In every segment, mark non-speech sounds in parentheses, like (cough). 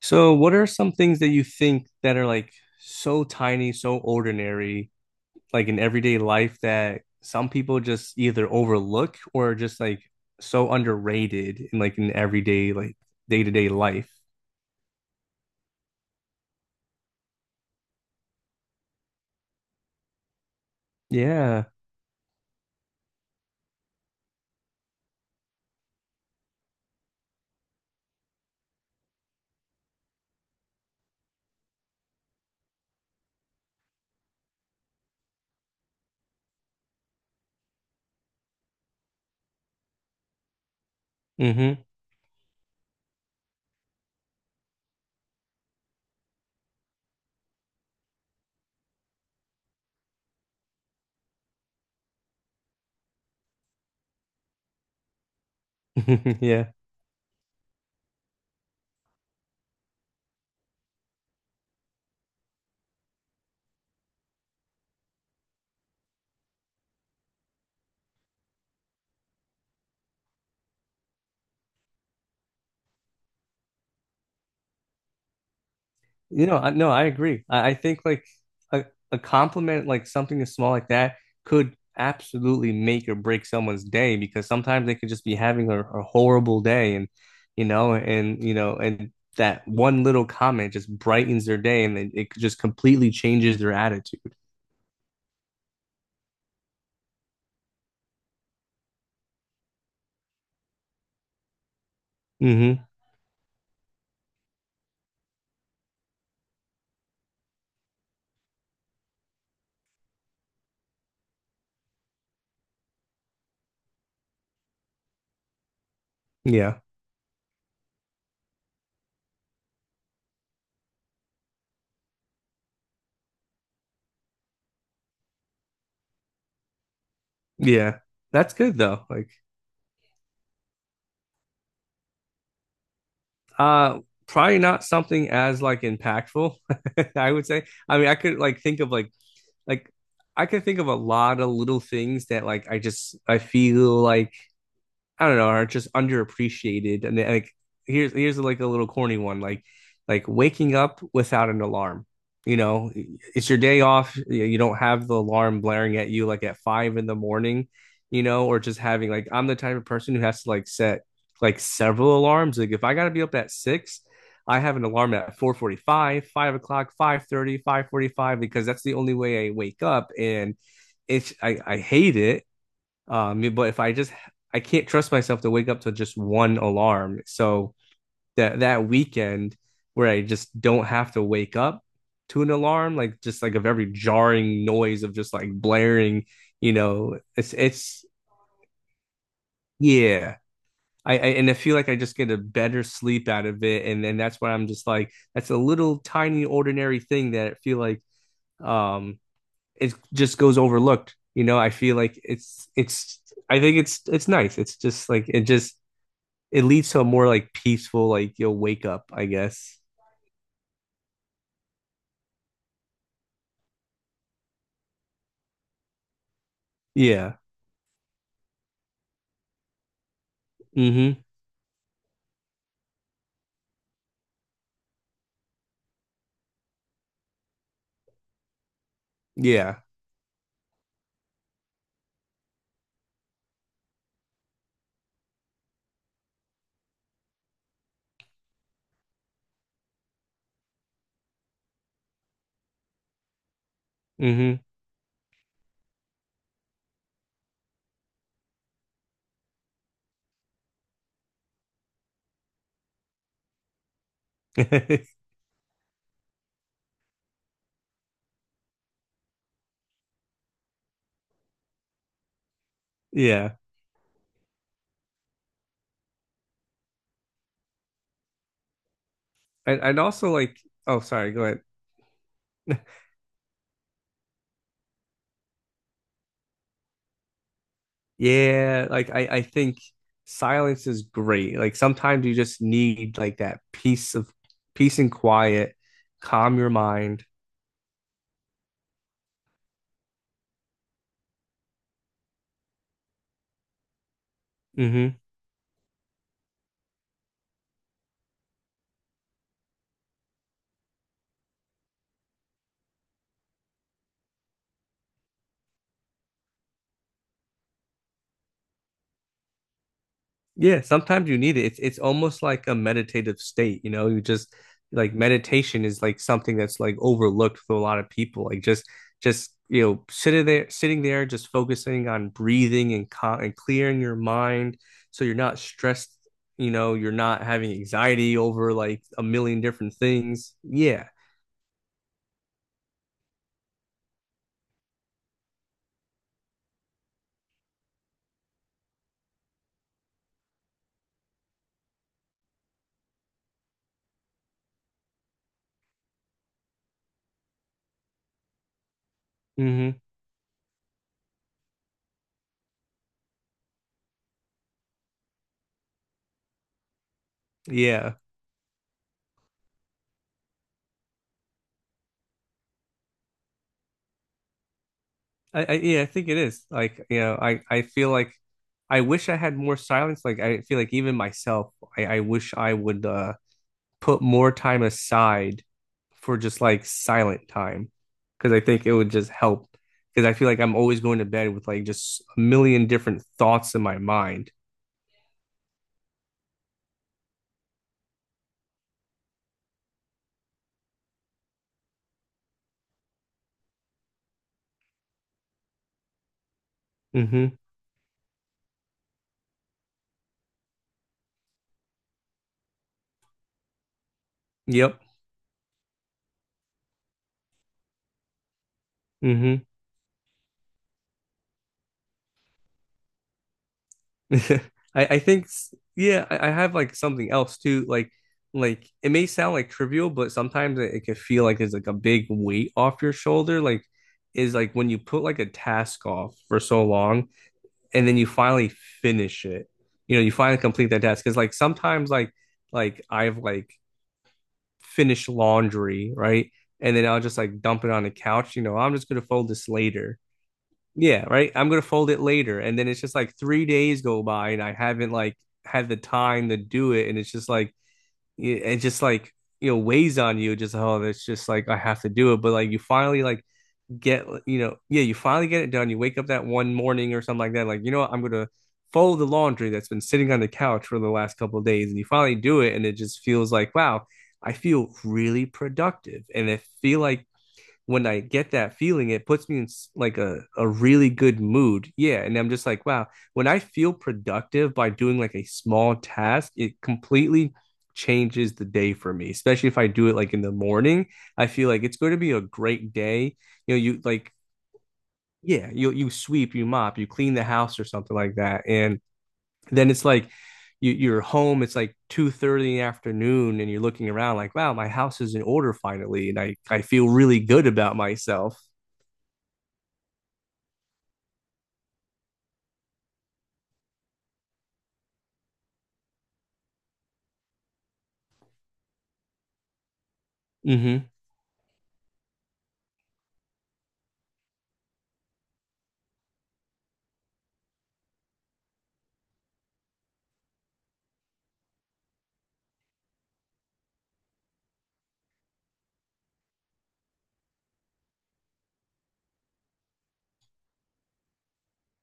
So, what are some things that you think that are like so tiny, so ordinary, like in everyday life that some people just either overlook or just like so underrated in like in everyday, like day-to-day life? Yeah. Mm-hmm. (laughs) Yeah. No, I agree. I think like a, a compliment, like something as small like that, could absolutely make or break someone's day because sometimes they could just be having a horrible day, and you know, and you know, and that one little comment just brightens their day, and it just completely changes their attitude. Hmm Yeah, yeah, that's good though. Like, uh, probably not something as like impactful. (laughs) I would say. I mean, I could like think of like I can think of a lot of little things that like I feel like I don't know, are just underappreciated. And like here's like a little corny one, like waking up without an alarm. You know, it's your day off. You don't have the alarm blaring at you like at five in the morning, you know, or just having like I'm the type of person who has to like set like several alarms. Like if I gotta be up at six, I have an alarm at 4:45, 5 o'clock, 5:30, 5:45, because that's the only way I wake up and I hate it, but if I just I can't trust myself to wake up to just one alarm. So that weekend where I just don't have to wake up to an alarm, like just like a very jarring noise of just like blaring, you know, it's yeah. I feel like I just get a better sleep out of it, and then that's why I'm just like that's a little tiny ordinary thing that I feel like um it just goes overlooked. You know, I feel like it's I think it's nice. It's just like it just it leads to a more like peaceful, like you'll wake up, I guess. Yeah. Mm-hmm. Yeah. Mm-hmm. (laughs) Yeah. And also like oh sorry, go ahead. Yeah, like I think silence is great. Like sometimes you just need like that peace of peace and quiet, calm your mind. Mm-hmm. Yeah, sometimes you need it. It's almost like a meditative state, you know. You just like meditation is like something that's like overlooked for a lot of people. Like just just sitting there just focusing on breathing and co and clearing your mind so you're not stressed, you know, you're not having anxiety over like a million different things. Yeah. hmm Yeah. I yeah, I think it is. Like, you know, I feel like I wish I had more silence. Like I feel like even myself, I wish I would put more time aside for just like silent time because I think it would just help. Because I feel like I'm always going to bed with like just a million different thoughts in my mind. Mm-hmm. Yep. Mm-hmm. (laughs) I think yeah, I have like something else too. Like it may sound like trivial, but sometimes it could feel like it's like a big weight off your shoulder. Like is like when you put like a task off for so long, and then you finally finish it. You know, you finally complete that task. Cause like sometimes like I've like finished laundry, right? And then I'll just like dump it on the couch. You know, I'm just gonna fold this later. Yeah, right. I'm gonna fold it later. And then it's just like 3 days go by and I haven't like had the time to do it. And it's just like it just like you know weighs on you. Just oh, it's just like I have to do it. But like you finally like get you know yeah you finally get it done. You wake up that one morning or something like that like you know what I'm gonna fold the laundry that's been sitting on the couch for the last couple of days and you finally do it and it just feels like wow I feel really productive and I feel like when I get that feeling, it puts me in like a really good mood. Yeah. And I'm just like, wow, when I feel productive by doing like a small task, it completely changes the day for me, especially if I do it like in the morning. I feel like it's going to be a great day. You know, you like, yeah, you sweep, you mop, you clean the house or something like that. And then it's like you're home, it's like 2:30 in the afternoon, and you're looking around like, wow, my house is in order finally. And I feel really good about myself. Mm-hmm.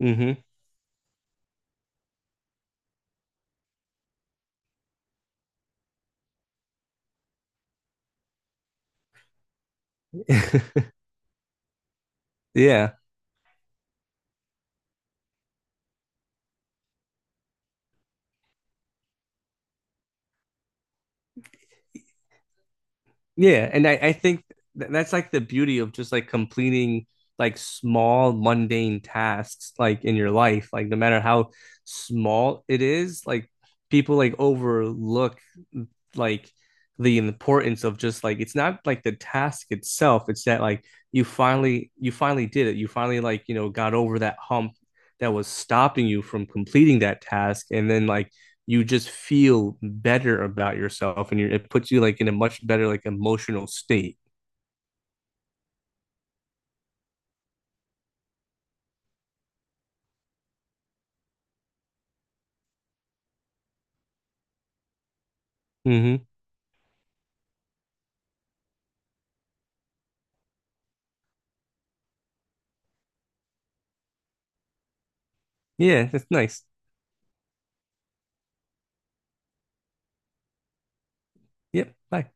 Mm-hmm. (laughs) Yeah. Yeah. And I think that's like the beauty of just like completing like small mundane tasks like in your life. Like no matter how small it is, like people like overlook like the importance of just like it's not like the task itself. It's that like you finally did it. You finally like, you know, got over that hump that was stopping you from completing that task. And then like you just feel better about yourself and it puts you like in a much better like emotional state. Hmm Yeah, that's nice. Yep. Bye.